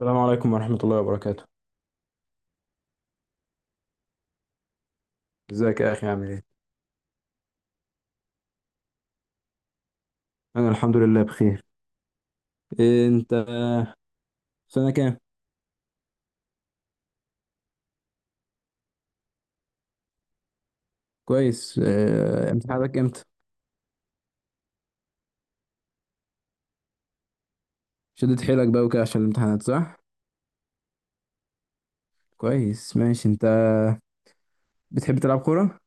السلام عليكم ورحمة الله وبركاته. ازيك يا أخي عامل ايه؟ أنا الحمد لله بخير. إيه أنت سنة كام؟ كويس، إيه امتحاناتك امتى؟ شدت حيلك بقى وكده عشان الامتحانات صح؟ كويس ماشي. أنت بتحب تلعب كورة؟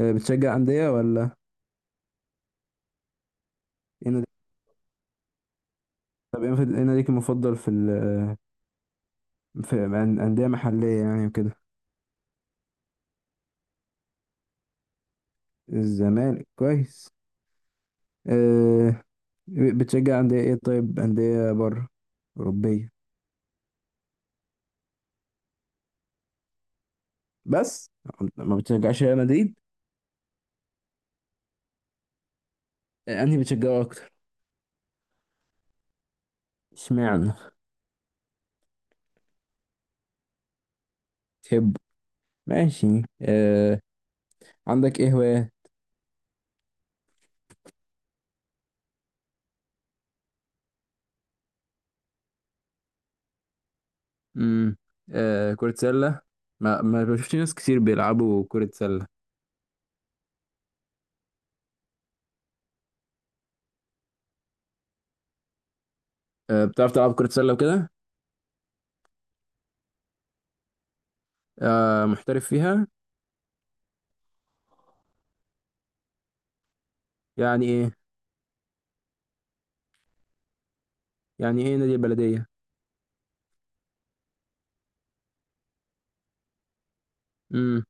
إيه بتشجع أندية ولا ايه نادي- طب ايه نادي- ايه ناديك المفضل في ال في أندية محلية يعني وكده؟ الزمالك كويس. إيه بتشجع أندية ايه؟ طيب أندية بره أوروبية بس، ما بتشجعش ريال مدريد؟ إيه، أنهي بتشجعه أكتر؟ اشمعنى؟ تحب، ماشي آه. عندك ايه هواية؟ امم آه، كرة سلة. ما بشوفش ناس كتير بيلعبوا كرة سلة. آه، بتعرف تلعب كرة سلة وكده؟ آه، محترف فيها؟ يعني ايه، يعني ايه نادي البلدية؟ امم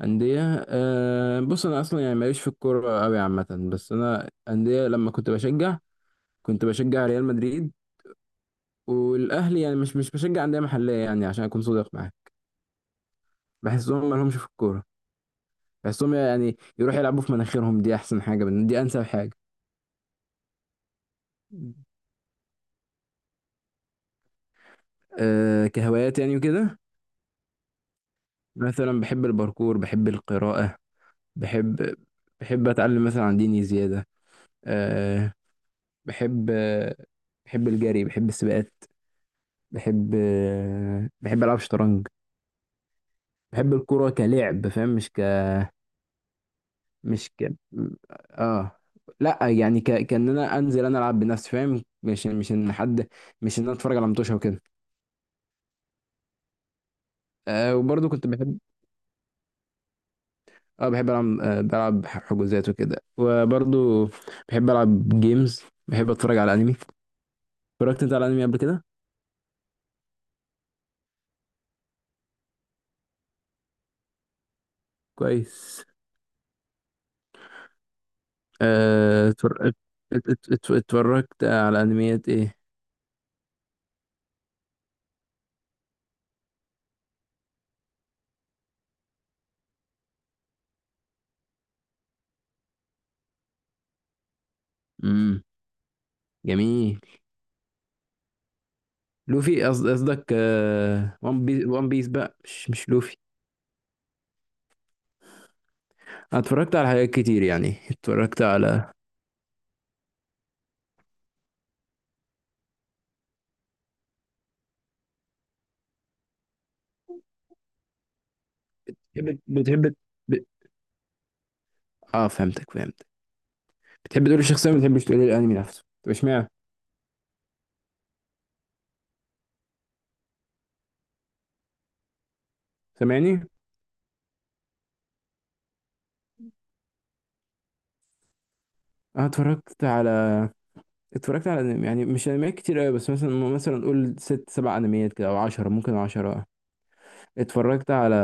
أندية آه. بص أنا أصلا يعني ماليش في الكورة أوي عامة، بس أنا أندية لما كنت بشجع كنت بشجع ريال مدريد والأهلي، يعني مش بشجع أندية محلية يعني عشان أكون صادق معاك. بحسهم مالهمش في الكورة، بس هم يعني يروحوا يلعبوا في مناخيرهم، دي انسب حاجه. أه كهوايات يعني وكده، مثلا بحب الباركور، بحب القراءه، بحب، بحب اتعلم مثلا عن ديني زياده. أه بحب بحب الجري، بحب السباقات، بحب بحب العب شطرنج، بحب الكوره كلعب فاهم، مش ك مش ك اه لا يعني كان انا انزل انا العب بنفسي فاهم، مش ان حد، مش ان انا اتفرج على متوشه وكده. أه وبرضه كنت بحب، اه بحب العب بلعب حجوزات وكده، وبرضو بحب العب جيمز، بحب اتفرج على انمي. اتفرجت انت على انمي قبل كده؟ كويس آه. اتفرجت على انميات ايه؟ امم جميل. لوفي قصدك آه، وان بيس، وان بيس بقى مش لوفي. أنا اتفرجت على حاجات كتير، يعني اتفرجت على، بتحب بتحب ب... اه فهمتك فهمتك. بتحب تقول الشخصيه ما بتحبش تقول الانمي نفسه، طب اشمعنى؟ سامعني؟ انا اتفرجت على، اتفرجت على يعني مش انميات كتير قوي، بس مثلا، مثلا قول ست سبع انميات كده او عشرة، ممكن عشرة. اتفرجت على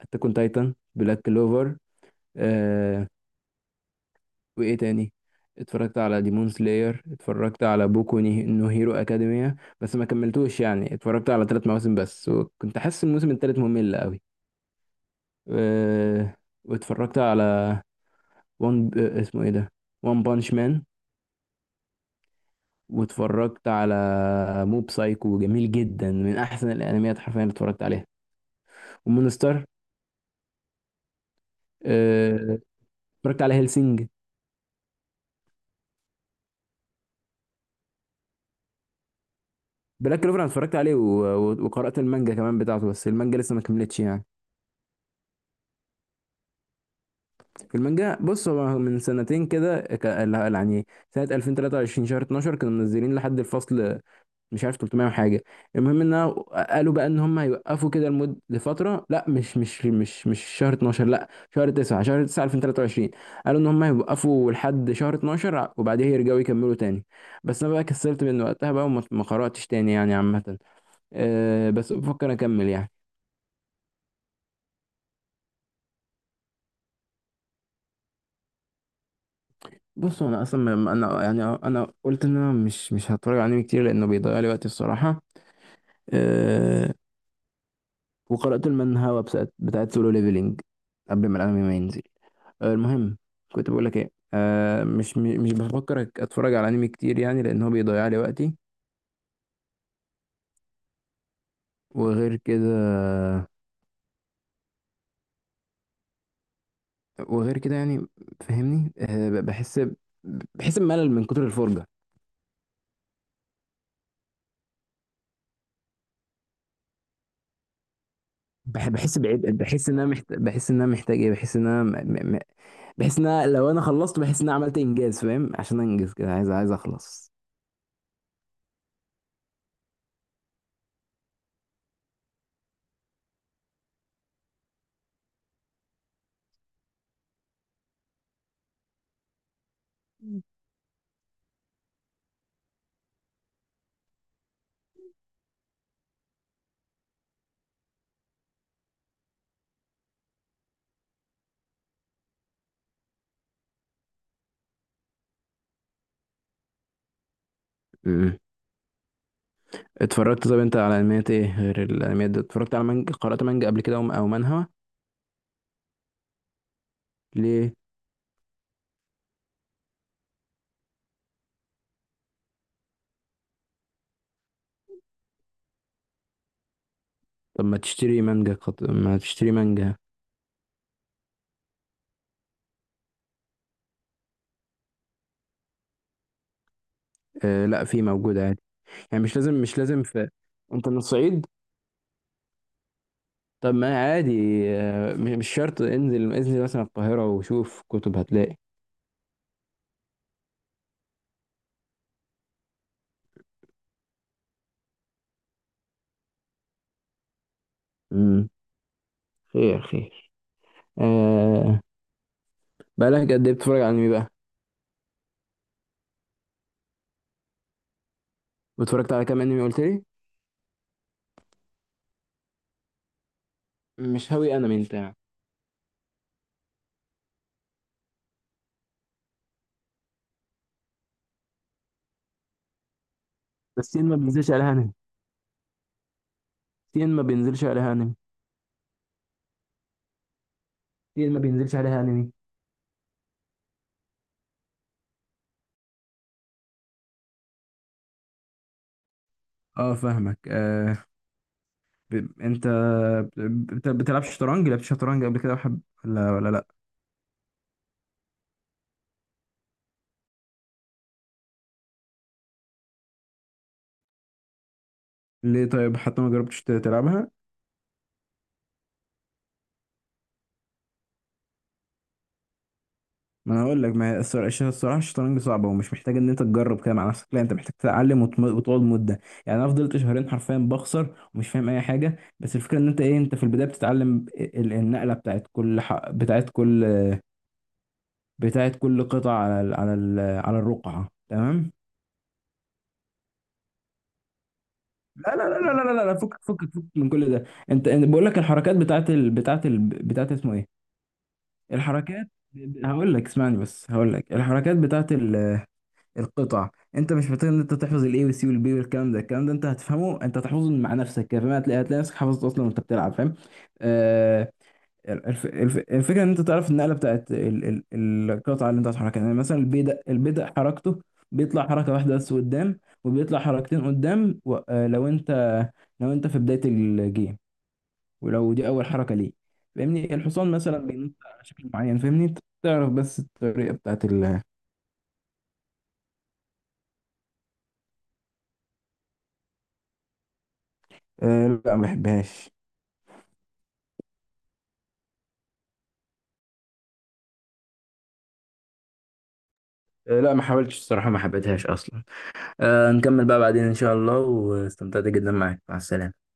اتاك اون تايتن، بلاك كلوفر آه، وايه تاني، اتفرجت على ديمون سلاير، اتفرجت على نو هيرو اكاديميا بس ما كملتوش، يعني اتفرجت على ثلاث مواسم بس، وكنت حاسس الموسم الثالث ممل قوي. آه واتفرجت على وان اسمه ايه ده، وان بانش مان، واتفرجت على موب سايكو، جميل جدا، من احسن الانميات حرفيا اللي اتفرجت عليها، ومونستر آه، اتفرجت على هيلسينج. بلاك كلوفر انا اتفرجت عليه وقرأت المانجا كمان بتاعته، بس المانجا لسه ما كملتش يعني. في المانجا بص هو من سنتين كده ك... لا- يعني سنة 2023 شهر 12 كانوا منزلين لحد الفصل، مش عارف 300 وحاجه. المهم ان أنا، قالوا بقى ان هم هيوقفوا كده لمده لفتره، لا مش شهر 12 لا، شهر 9، شهر 9 2023، قالوا ان هم هيوقفوا لحد شهر 12 وبعدها يرجعوا يكملوا تاني. بس انا بقى كسلت من وقتها بقى، وما ما قراتش تاني يعني عامه. أه بس بفكر اكمل يعني. بص انا اصلا انا يعني انا قلت ان انا مش هتفرج على انمي كتير لانه بيضيع لي وقتي الصراحه. أه وقرات المانهوا بتاعت سولو ليفلينج قبل ما الانمي ما ينزل. آه، المهم كنت بقول لك ايه، آه مش بفكر اتفرج على انمي كتير يعني، لان هو بيضيع لي وقتي. وغير كده، وغير كده يعني فاهمني آه، بحس بحس بملل من كتر الفرجه. بحس بعيد، بحس ان انا محتاج، بحس ان انا محتاج ايه، بحس ان انا بحس ان أنا لو انا خلصت بحس ان انا عملت انجاز فاهم، عشان انجز كده عايز، عايز اخلص. مم. اتفرجت طب انت على انميات ايه غير الانميات دي؟ اتفرجت على مانجا، قرأت مانجا قبل كده او أو منهوا؟ ليه؟ طب ما تشتري مانجا ما تشتري مانجا. آه لا في موجودة عادي، يعني مش لازم، مش لازم في. انت من الصعيد؟ طب ما عادي آه، مش شرط انزل، انزل مثلا القاهرة وشوف كتب هتلاقي. امم خير خير آه، بقالك قد ايه بتتفرج على انمي بقى؟ واتفرجت على كام انمي قلت لي؟ مش هاوي انمي انت يعني؟ بس سين ما بينزلش عليها انمي، سين ما بينزلش عليها انمي، سين ما بينزلش عليها انمي. اه فاهمك آه. انت بتلعب شطرنج، لعبت شطرنج قبل كده وحب ولا لا؟ ليه طيب، حتى ما جربتش تلعبها؟ ما انا هقول لك، ما هي الصراحه الشطرنج صعبه، ومش محتاج ان انت تجرب كده مع نفسك، لا انت محتاج تتعلم وتقعد مده. يعني انا فضلت شهرين حرفيا بخسر ومش فاهم اي حاجه، بس الفكره ان انت ايه، انت في البدايه بتتعلم النقله بتاعت كل بتاعت كل قطعه على على الرقعه تمام. لا لا، فكك فكك فكك من كل ده. انت، أنا بقول لك الحركات بتاعت اسمه ايه، الحركات، هقول لك اسمعني، بس هقول لك الحركات بتاعت ال... القطع، انت مش محتاج ان انت تحفظ الاي والسي والبي والكلام ده، الكلام ده انت هتفهمه، انت هتحفظه مع نفسك كده فاهم، هتلاقي، هتلاقي نفسك حفظته اصلا وانت بتلعب فاهم. آه الفكره ان انت تعرف النقله بتاعت القطعه اللي انت هتحركها، يعني مثلا البي ده، البي ده حركته بيطلع حركه واحده بس قدام، وبيطلع حركتين قدام و... آه لو انت، لو انت في بدايه الجيم، ولو دي اول حركه ليه، فاهمني. الحصان مثلا بينط على شكل معين فاهمني. تعرف بس الطريقه بتاعت ال... آه لا ما بحبهاش. آه، لا ما حاولتش الصراحة، ما حبيتهاش أصلا. آه، نكمل بقى بعدين إن شاء الله، واستمتعت جدا معاك، مع السلامة.